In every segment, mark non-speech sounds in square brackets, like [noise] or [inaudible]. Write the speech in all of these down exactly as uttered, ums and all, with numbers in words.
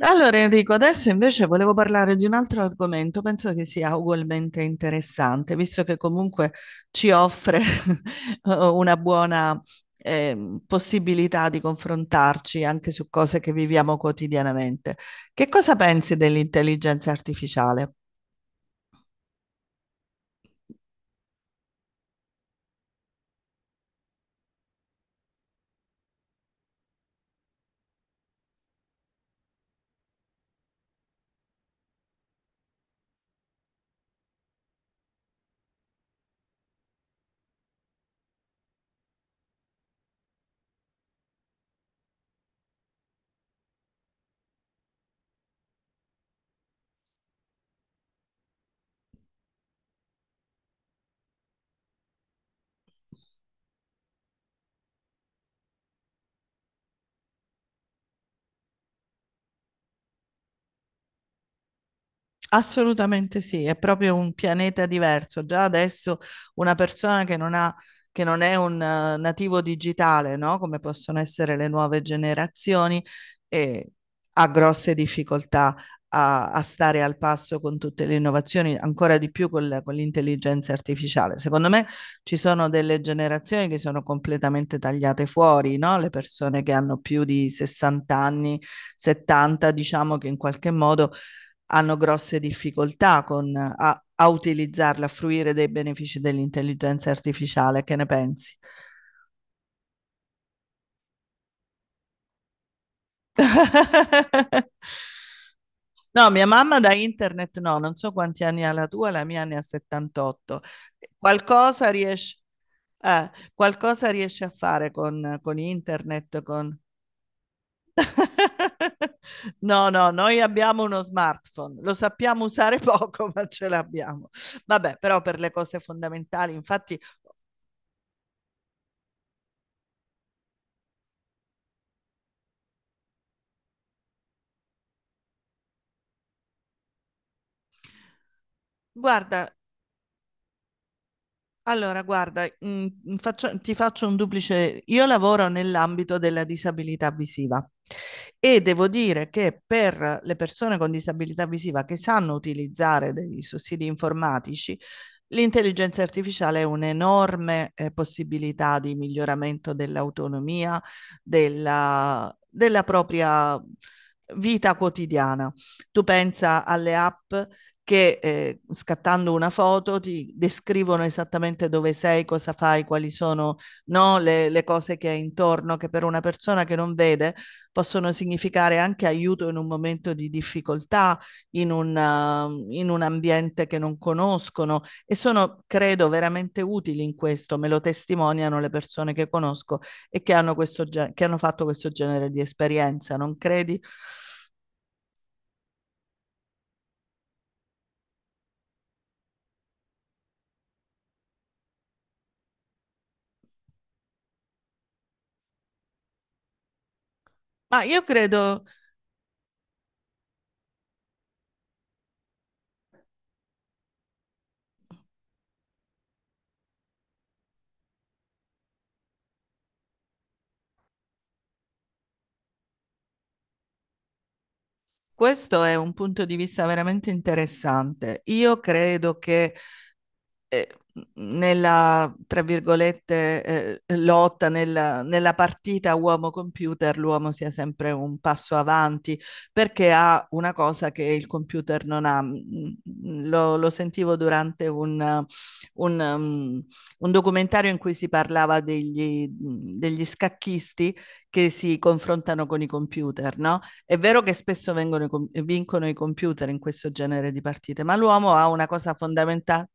Allora Enrico, adesso invece volevo parlare di un altro argomento, penso che sia ugualmente interessante, visto che comunque ci offre [laughs] una buona ehm, possibilità di confrontarci anche su cose che viviamo quotidianamente. Che cosa pensi dell'intelligenza artificiale? Assolutamente sì, è proprio un pianeta diverso. Già adesso una persona che non ha, che non è un eh, nativo digitale, no? Come possono essere le nuove generazioni, eh, ha grosse difficoltà a, a stare al passo con tutte le innovazioni, ancora di più con la- con l'intelligenza artificiale. Secondo me ci sono delle generazioni che sono completamente tagliate fuori, no? Le persone che hanno più di sessanta anni, settanta, diciamo che in qualche modo hanno grosse difficoltà con, a, a utilizzarla, a fruire dei benefici dell'intelligenza artificiale. Che ne pensi? [laughs] No, mia mamma da internet no, non so quanti anni ha la tua, la mia ne ha settantotto. Qualcosa riesce, eh, qualcosa riesce a fare con, con internet, con... [laughs] No, no, noi abbiamo uno smartphone, lo sappiamo usare [laughs] poco, ma ce l'abbiamo. Vabbè, però per le cose fondamentali, infatti. Guarda, allora, guarda, mh, faccio- ti faccio un duplice. Io lavoro nell'ambito della disabilità visiva e devo dire che per le persone con disabilità visiva che sanno utilizzare dei sussidi informatici, l'intelligenza artificiale è un'enorme eh, possibilità di miglioramento dell'autonomia, della, della propria vita quotidiana. Tu pensa alle app che eh, scattando una foto ti descrivono esattamente dove sei, cosa fai, quali sono no, le, le, cose che hai intorno, che per una persona che non vede possono significare anche aiuto in un momento di difficoltà, in un, uh, in un ambiente che non conoscono, e sono, credo, veramente utili in questo, me lo testimoniano le persone che conosco e che hanno, questo, che hanno fatto questo genere di esperienza, non credi? Ma io credo, questo è un punto di vista veramente interessante. Io credo che eh, nella, tra virgolette, eh, lotta, nella, nella partita uomo-computer, l'uomo sia sempre un passo avanti perché ha una cosa che il computer non ha. Mm, mm, Lo, lo sentivo durante un, uh, un, um, un documentario in cui si parlava degli, mm, degli scacchisti che si confrontano con i computer, no? È vero che spesso vengono i com- vincono i computer in questo genere di partite, ma l'uomo ha una cosa fondamentale.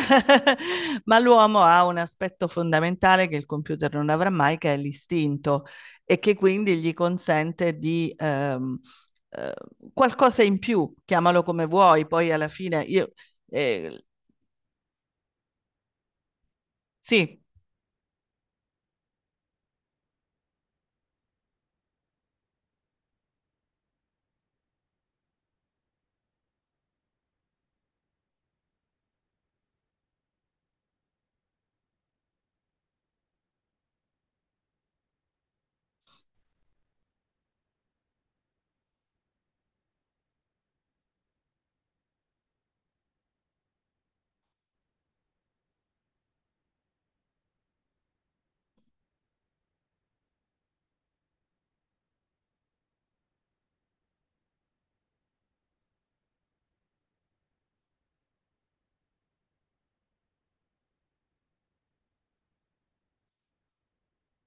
[laughs] Ma l'uomo ha un aspetto fondamentale che il computer non avrà mai, che è l'istinto e che quindi gli consente di ehm, eh, qualcosa in più, chiamalo come vuoi, poi alla fine io eh, sì,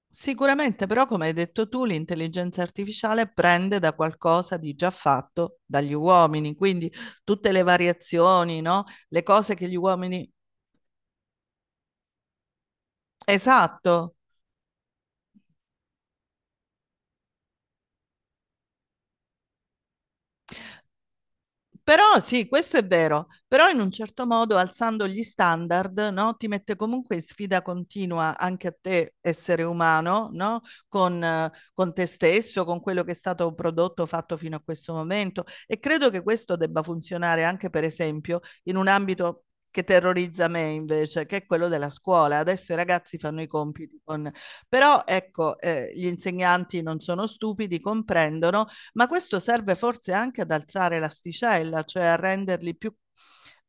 sicuramente, però come hai detto tu, l'intelligenza artificiale prende da qualcosa di già fatto dagli uomini, quindi tutte le variazioni, no? Le cose che gli uomini. Esatto. Però sì, questo è vero, però in un certo modo alzando gli standard, no, ti mette comunque in sfida continua anche a te essere umano, no? Con, eh, con te stesso, con quello che è stato prodotto, fatto fino a questo momento. E credo che questo debba funzionare anche, per esempio, in un ambito che terrorizza me invece, che è quello della scuola. Adesso i ragazzi fanno i compiti con... Però ecco, eh, gli insegnanti non sono stupidi, comprendono ma questo serve forse anche ad alzare l'asticella, cioè a renderli più,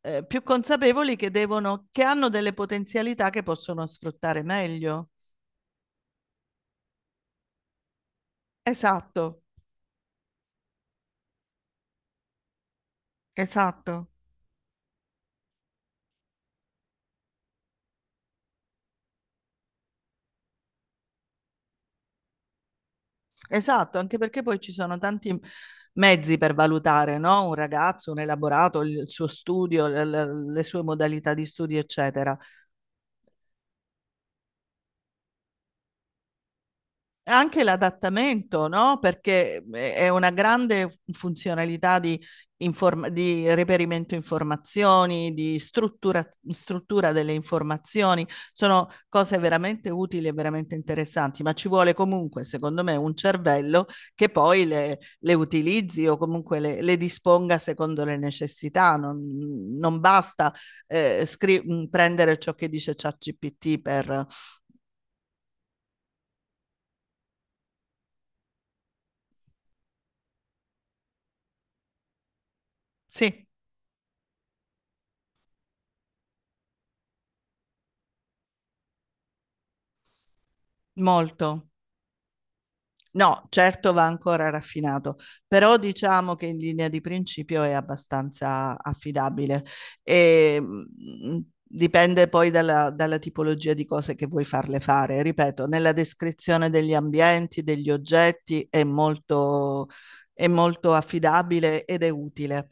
eh, più consapevoli che, devono, che hanno delle potenzialità che possono sfruttare meglio. Esatto, esatto, esatto, anche perché poi ci sono tanti mezzi per valutare, no? Un ragazzo, un elaborato, il suo studio, le, le sue modalità di studio, eccetera. Anche l'adattamento, no? Perché eh, è una grande funzionalità di, inform- di reperimento informazioni, di struttura, struttura delle informazioni. Sono cose veramente utili e veramente interessanti, ma ci vuole comunque, secondo me, un cervello che poi le, le utilizzi o comunque le, le disponga secondo le necessità. Non, non basta eh, scri- prendere ciò che dice ChatGPT per... Sì, molto. No, certo va ancora raffinato, però diciamo che in linea di principio è abbastanza affidabile. E, mh, dipende poi dalla, dalla tipologia di cose che vuoi farle fare. Ripeto, nella descrizione degli ambienti, degli oggetti è molto, è molto affidabile ed è utile.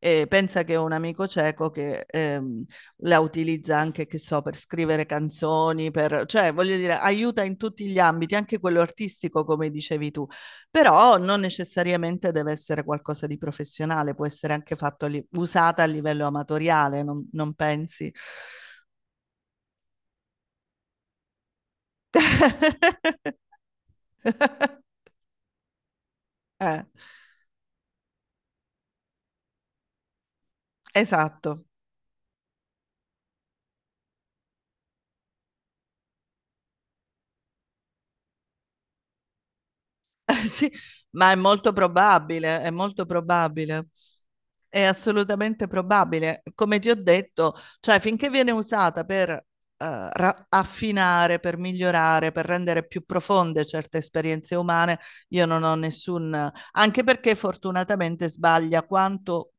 E pensa che ho un amico cieco che ehm, la utilizza anche, che so, per scrivere canzoni, per, cioè voglio dire, aiuta in tutti gli ambiti, anche quello artistico, come dicevi tu, però non necessariamente deve essere qualcosa di professionale, può essere anche fatto, a li- usata a livello amatoriale, non, non pensi? [laughs] Eh, esatto. [laughs] Eh, sì, ma è molto probabile, è molto probabile. È assolutamente probabile. Come ti ho detto, cioè finché viene usata per eh, ra- affinare, per migliorare, per rendere più profonde certe esperienze umane, io non ho nessun... Anche perché fortunatamente sbaglia quanto,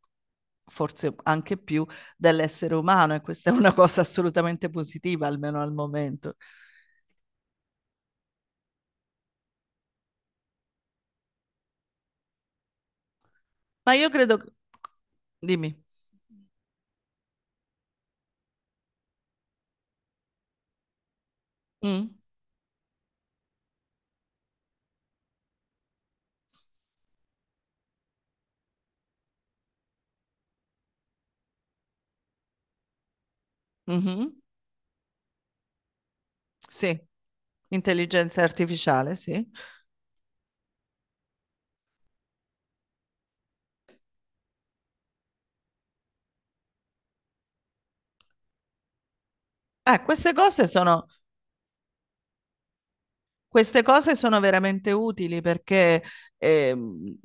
forse anche più, dell'essere umano e questa è una cosa assolutamente positiva, almeno al momento. Ma io credo... Dimmi. Mm? Mhm. Sì, intelligenza artificiale, sì. Eh, queste cose sono, queste cose sono veramente utili perché ehm,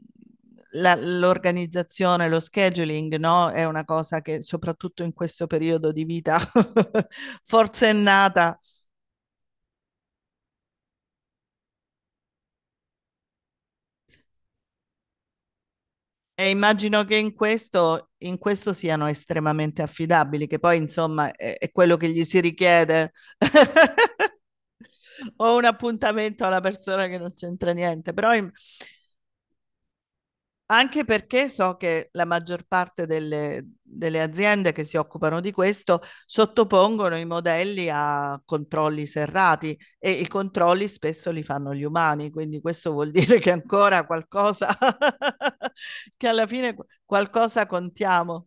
la- l'organizzazione, lo scheduling, no, è una cosa che soprattutto in questo periodo di vita [laughs] forsennata. E immagino che in questo, in questo siano estremamente affidabili, che poi insomma è, è quello che gli si richiede. [laughs] Ho un appuntamento alla persona che non c'entra niente, però im- anche perché so che la maggior parte delle, delle aziende che si occupano di questo sottopongono i modelli a controlli serrati e i controlli spesso li fanno gli umani, quindi questo vuol [laughs] dire che ancora qualcosa, [laughs] che alla fine qualcosa contiamo.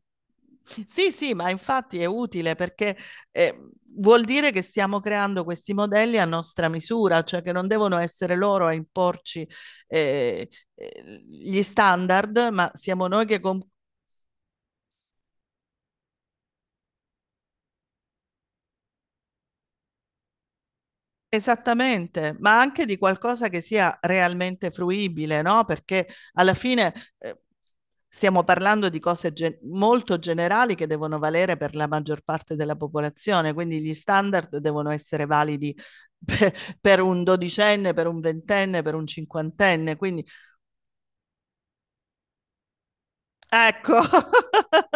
Sì, sì, ma infatti è utile perché eh, vuol dire che stiamo creando questi modelli a nostra misura, cioè che non devono essere loro a imporci eh, eh, gli standard, ma siamo noi che... com- Esattamente, ma anche di qualcosa che sia realmente fruibile, no? Perché alla fine eh, stiamo parlando di cose gen- molto generali che devono valere per la maggior parte della popolazione, quindi gli standard devono essere validi [laughs] pe- per un dodicenne, per un ventenne, per un cinquantenne, quindi ecco. [laughs]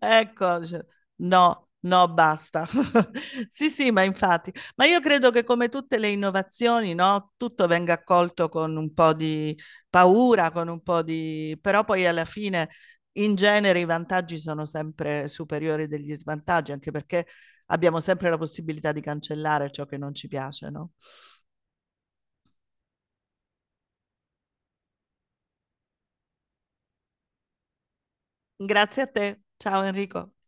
Ecco, dice, no, no, basta. [laughs] Sì, sì, ma infatti, ma io credo che come tutte le innovazioni, no, tutto venga accolto con un po' di paura, con un po' di... però poi alla fine in genere i vantaggi sono sempre superiori degli svantaggi, anche perché abbiamo sempre la possibilità di cancellare ciò che non ci piace, no? Grazie a te. Ciao Enrico.